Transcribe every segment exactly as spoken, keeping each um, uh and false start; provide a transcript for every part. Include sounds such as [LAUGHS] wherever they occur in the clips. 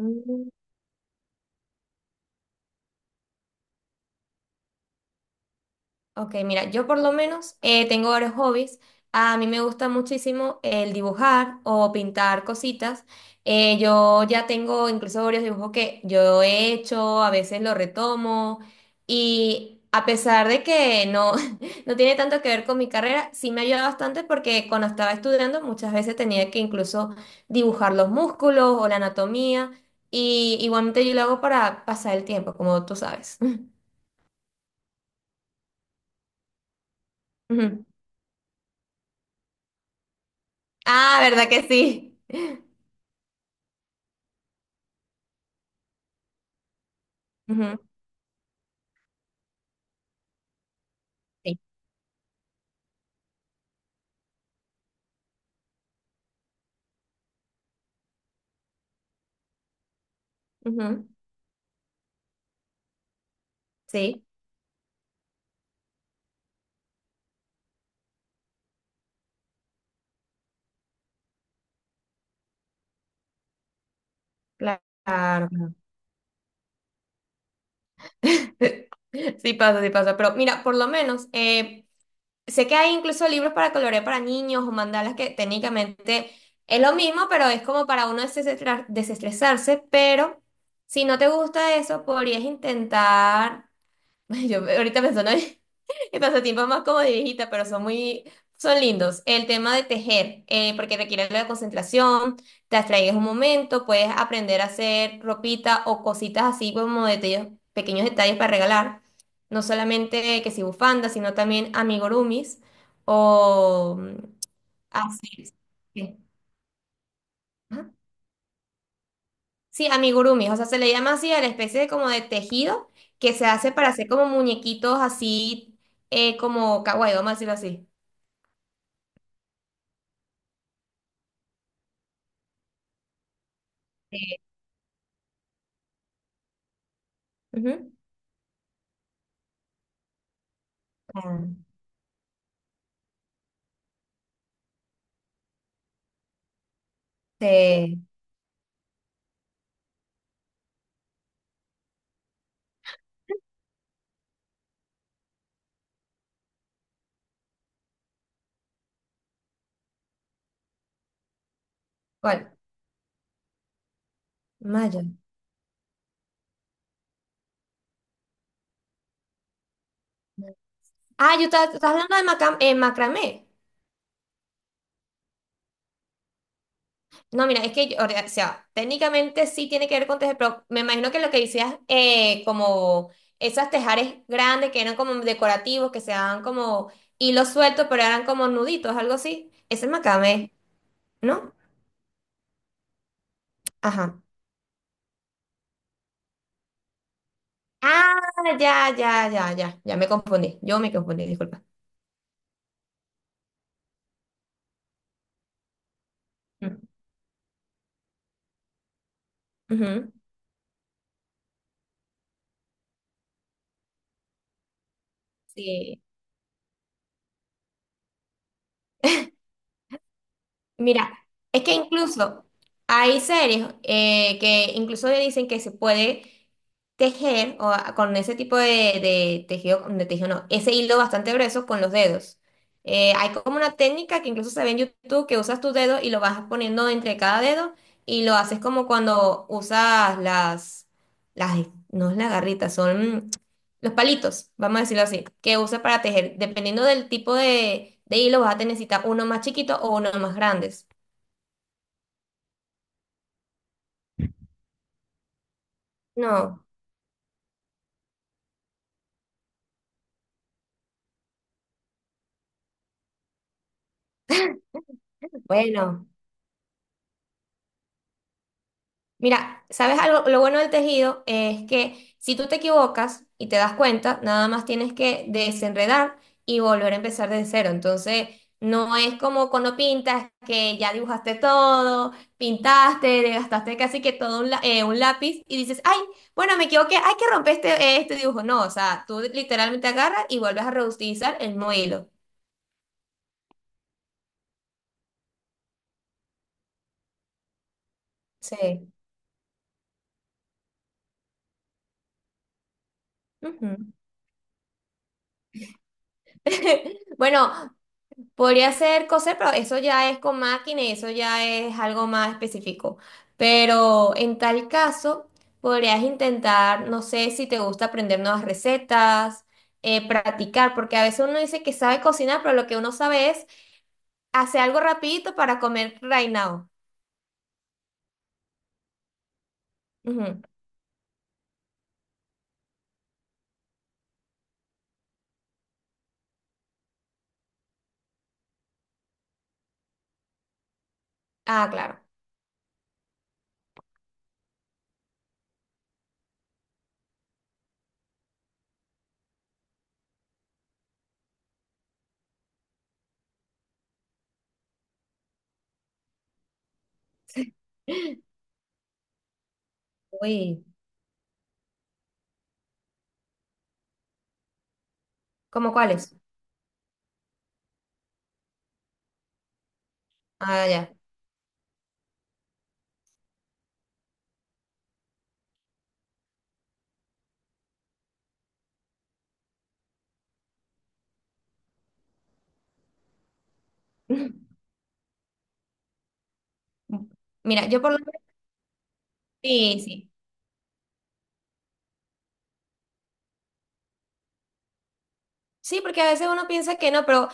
Mm, ok, mira, yo por lo menos eh, tengo varios hobbies. A mí me gusta muchísimo el dibujar o pintar cositas. Eh, yo ya tengo incluso varios dibujos que yo he hecho, a veces los retomo y a pesar de que no, [LAUGHS] no tiene tanto que ver con mi carrera, sí me ayuda bastante porque cuando estaba estudiando muchas veces tenía que incluso dibujar los músculos o la anatomía y igualmente yo lo hago para pasar el tiempo, como tú sabes. [LAUGHS] Ujú. Ah, ¿verdad que sí? Ujú. Sí. Ujú. Sí, cla- claro. [LAUGHS] Sí pasa, sí pasa. Pero mira, por lo menos, eh, sé que hay incluso libros para colorear para niños o mandalas que técnicamente es lo mismo, pero es como para uno desestresar- desestresarse. Pero si no te gusta eso, podrías intentar. [LAUGHS] Yo ahorita pensando en [LAUGHS] en pasatiempos más como de viejita, pero son muy, son lindos. El tema de tejer, eh, porque requiere algo de concentración, te abstraes un momento, puedes aprender a hacer ropita o cositas así como detalles, pequeños detalles para regalar. No solamente que si bufandas, sino también amigurumis o mm, así. Sí. Ajá. Sí, amigurumi, o sea, se le llama así a la especie de como de tejido que se hace para hacer como muñequitos así, eh, como kawaii, vamos a decirlo así. Eh, ujú. Ah, eh, ¿cuál? Maya. Ah, yo estaba, estás hablando de macam- eh, macramé. No, mira, es que, yo- o sea, técnicamente sí tiene que ver con tejer, pero me imagino que lo que decías, eh, como esas tejares grandes que eran como decorativos, que se daban como hilos sueltos, pero eran como nuditos, algo así. Ese es macramé, ¿no? Ajá. Ah, ya, ya, ya, ya, ya me confundí, yo me confundí, disculpa. Mm. Ujú. Sí, mira, es que incluso hay series eh, que incluso dicen que se puede tejer o a- con ese tipo de, de tejido, de tejido no, ese hilo bastante grueso con los dedos. Eh, hay como una técnica que incluso se ve en YouTube que usas tus dedos y lo vas poniendo entre cada dedo y lo haces como cuando usas las, las, no es la garrita, son... los palitos, vamos a decirlo así, que usa para tejer. Dependiendo del tipo de, de hilo, vas a necesitar uno más chiquito o uno más grandes. No, bueno. Mira, ¿sabes algo? Lo bueno del tejido es que si tú te equivocas y te das cuenta, nada más tienes que desenredar y volver a empezar desde cero. Entonces, no es como cuando pintas que ya dibujaste todo, pintaste, gastaste casi que todo un, la- eh, un lápiz y dices, ay, bueno, me equivoqué, hay que romper este, este dibujo. No, o sea, tú literalmente agarras y vuelves a reutilizar el mismo hilo. Sí. Ujú. [LAUGHS] Bueno, podría ser coser, pero eso ya es con máquina y eso ya es algo más específico. Pero en tal caso, podrías intentar, no sé si te gusta aprender nuevas recetas, eh, practicar, porque a veces uno dice que sabe cocinar, pero lo que uno sabe es hacer algo rapidito para comer right now. Ujú. Ah, claro. Uy, ¿cómo cuáles? Ah, ya. [LAUGHS] Mira, yo por lo menos sí, sí. Sí, porque a veces uno piensa que no, pero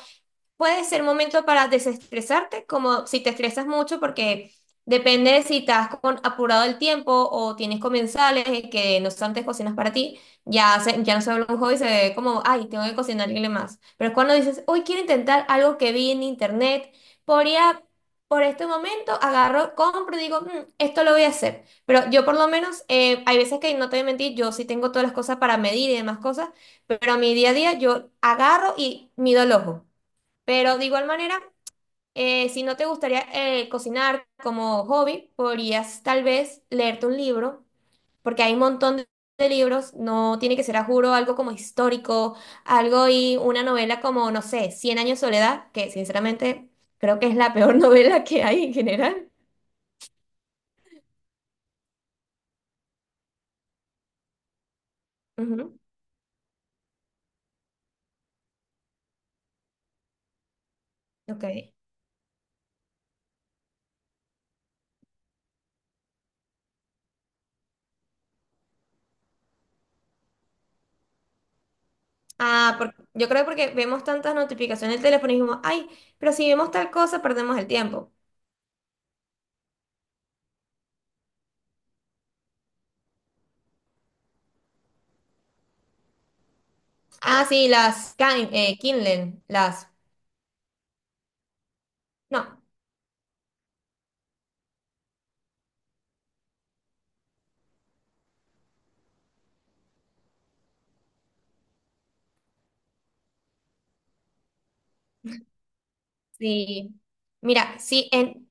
puede ser momento para desestresarte, como si te estresas mucho, porque depende de si estás con apurado el tiempo o tienes comensales que no son antes cocinas para ti, ya, se- ya no se vuelve un hobby, se ve como, ay, tengo que cocinarle más. Pero es cuando dices, hoy quiero intentar algo que vi en internet, podría, por este momento, agarro, compro y digo, "Mm, esto lo voy a hacer. Pero yo por lo menos, eh, hay veces que no te voy a mentir, yo sí tengo todas las cosas para medir y demás cosas, pero a mi día a día yo agarro y mido el ojo. Pero de igual manera, eh, si no te gustaría eh, cocinar como hobby, podrías tal vez leerte un libro, porque hay un montón de de libros, no tiene que ser a juro algo como histórico, algo y una novela como, no sé, Cien años de soledad, que sinceramente creo que es la peor [LAUGHS] novela que hay en general. Ujú. Ok. Ah, por- yo creo porque vemos tantas notificaciones del teléfono y dijimos, ay, pero si vemos tal cosa, perdemos el tiempo. Ah, sí, las Kin- eh, Kindle, las... No. Sí, mira, sí, en,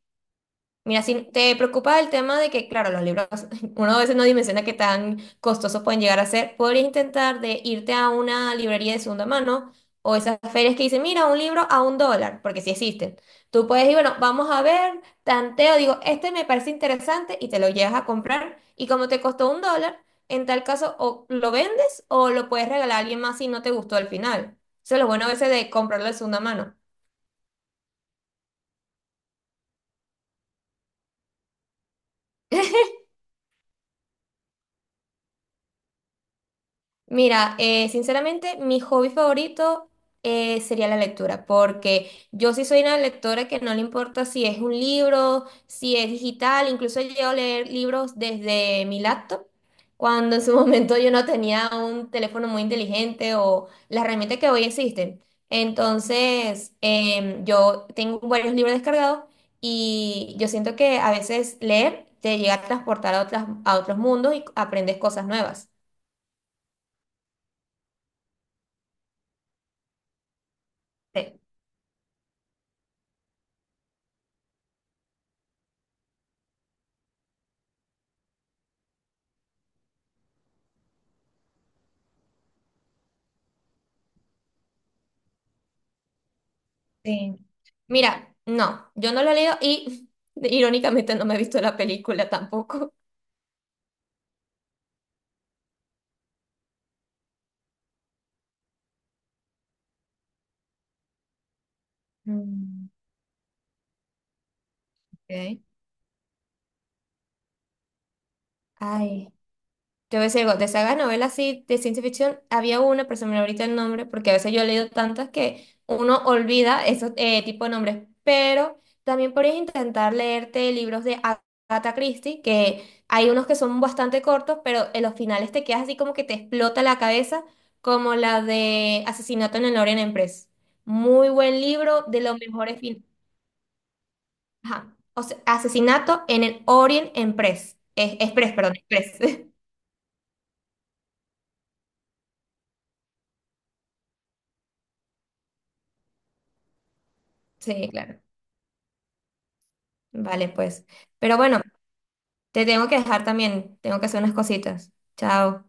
mira, si te preocupa el tema de que, claro, los libros, [LAUGHS] uno a veces no dimensiona qué tan costosos pueden llegar a ser, podrías intentar de irte a una librería de segunda mano o esas ferias que dicen, mira, un libro a un dólar, porque sí existen. Tú puedes ir, bueno, vamos a ver, tanteo, digo, este me parece interesante y te lo llevas a comprar y como te costó un dólar, en tal caso o lo vendes o lo puedes regalar a alguien más si no te gustó al final. Eso es lo bueno a veces de comprarlo de segunda mano. Mira, eh, sinceramente, mi hobby favorito eh, sería la lectura, porque yo sí soy una lectora que no le importa si es un libro, si es digital, incluso yo llego a leer libros desde mi laptop, cuando en su [LAUGHS] momento yo no tenía un teléfono muy inteligente o las herramientas que hoy existen. Entonces, em, yo tengo varios libros descargados y yo siento que a veces leer te llega a transportar a otras, a otros mundos y aprendes cosas nuevas. Sí. Sí. Mira, no, yo no lo he leído y [LAUGHS] irónicamente no me he visto la película tampoco. Mm. Okay. Ay, te voy a algo, de esas novelas así de ciencia ficción, había una, pero se me olvidó ahorita el nombre, porque a veces yo he leído tantas que uno olvida esos eh, tipos de nombres, pero también podrías intentar leerte libros de Agatha Christie, que hay unos que son bastante cortos, pero en los finales te quedas así como que te explota la cabeza, como la de Asesinato en el Orient Express. Muy buen libro, de los mejores fin- Ajá. O sea, Asesinato en el Orient Express. Eh, Express, perdón, Express. [LAUGHS] Sí, claro. Vale, pues. Pero bueno, te tengo que dejar también. Tengo que hacer unas cositas. Chao.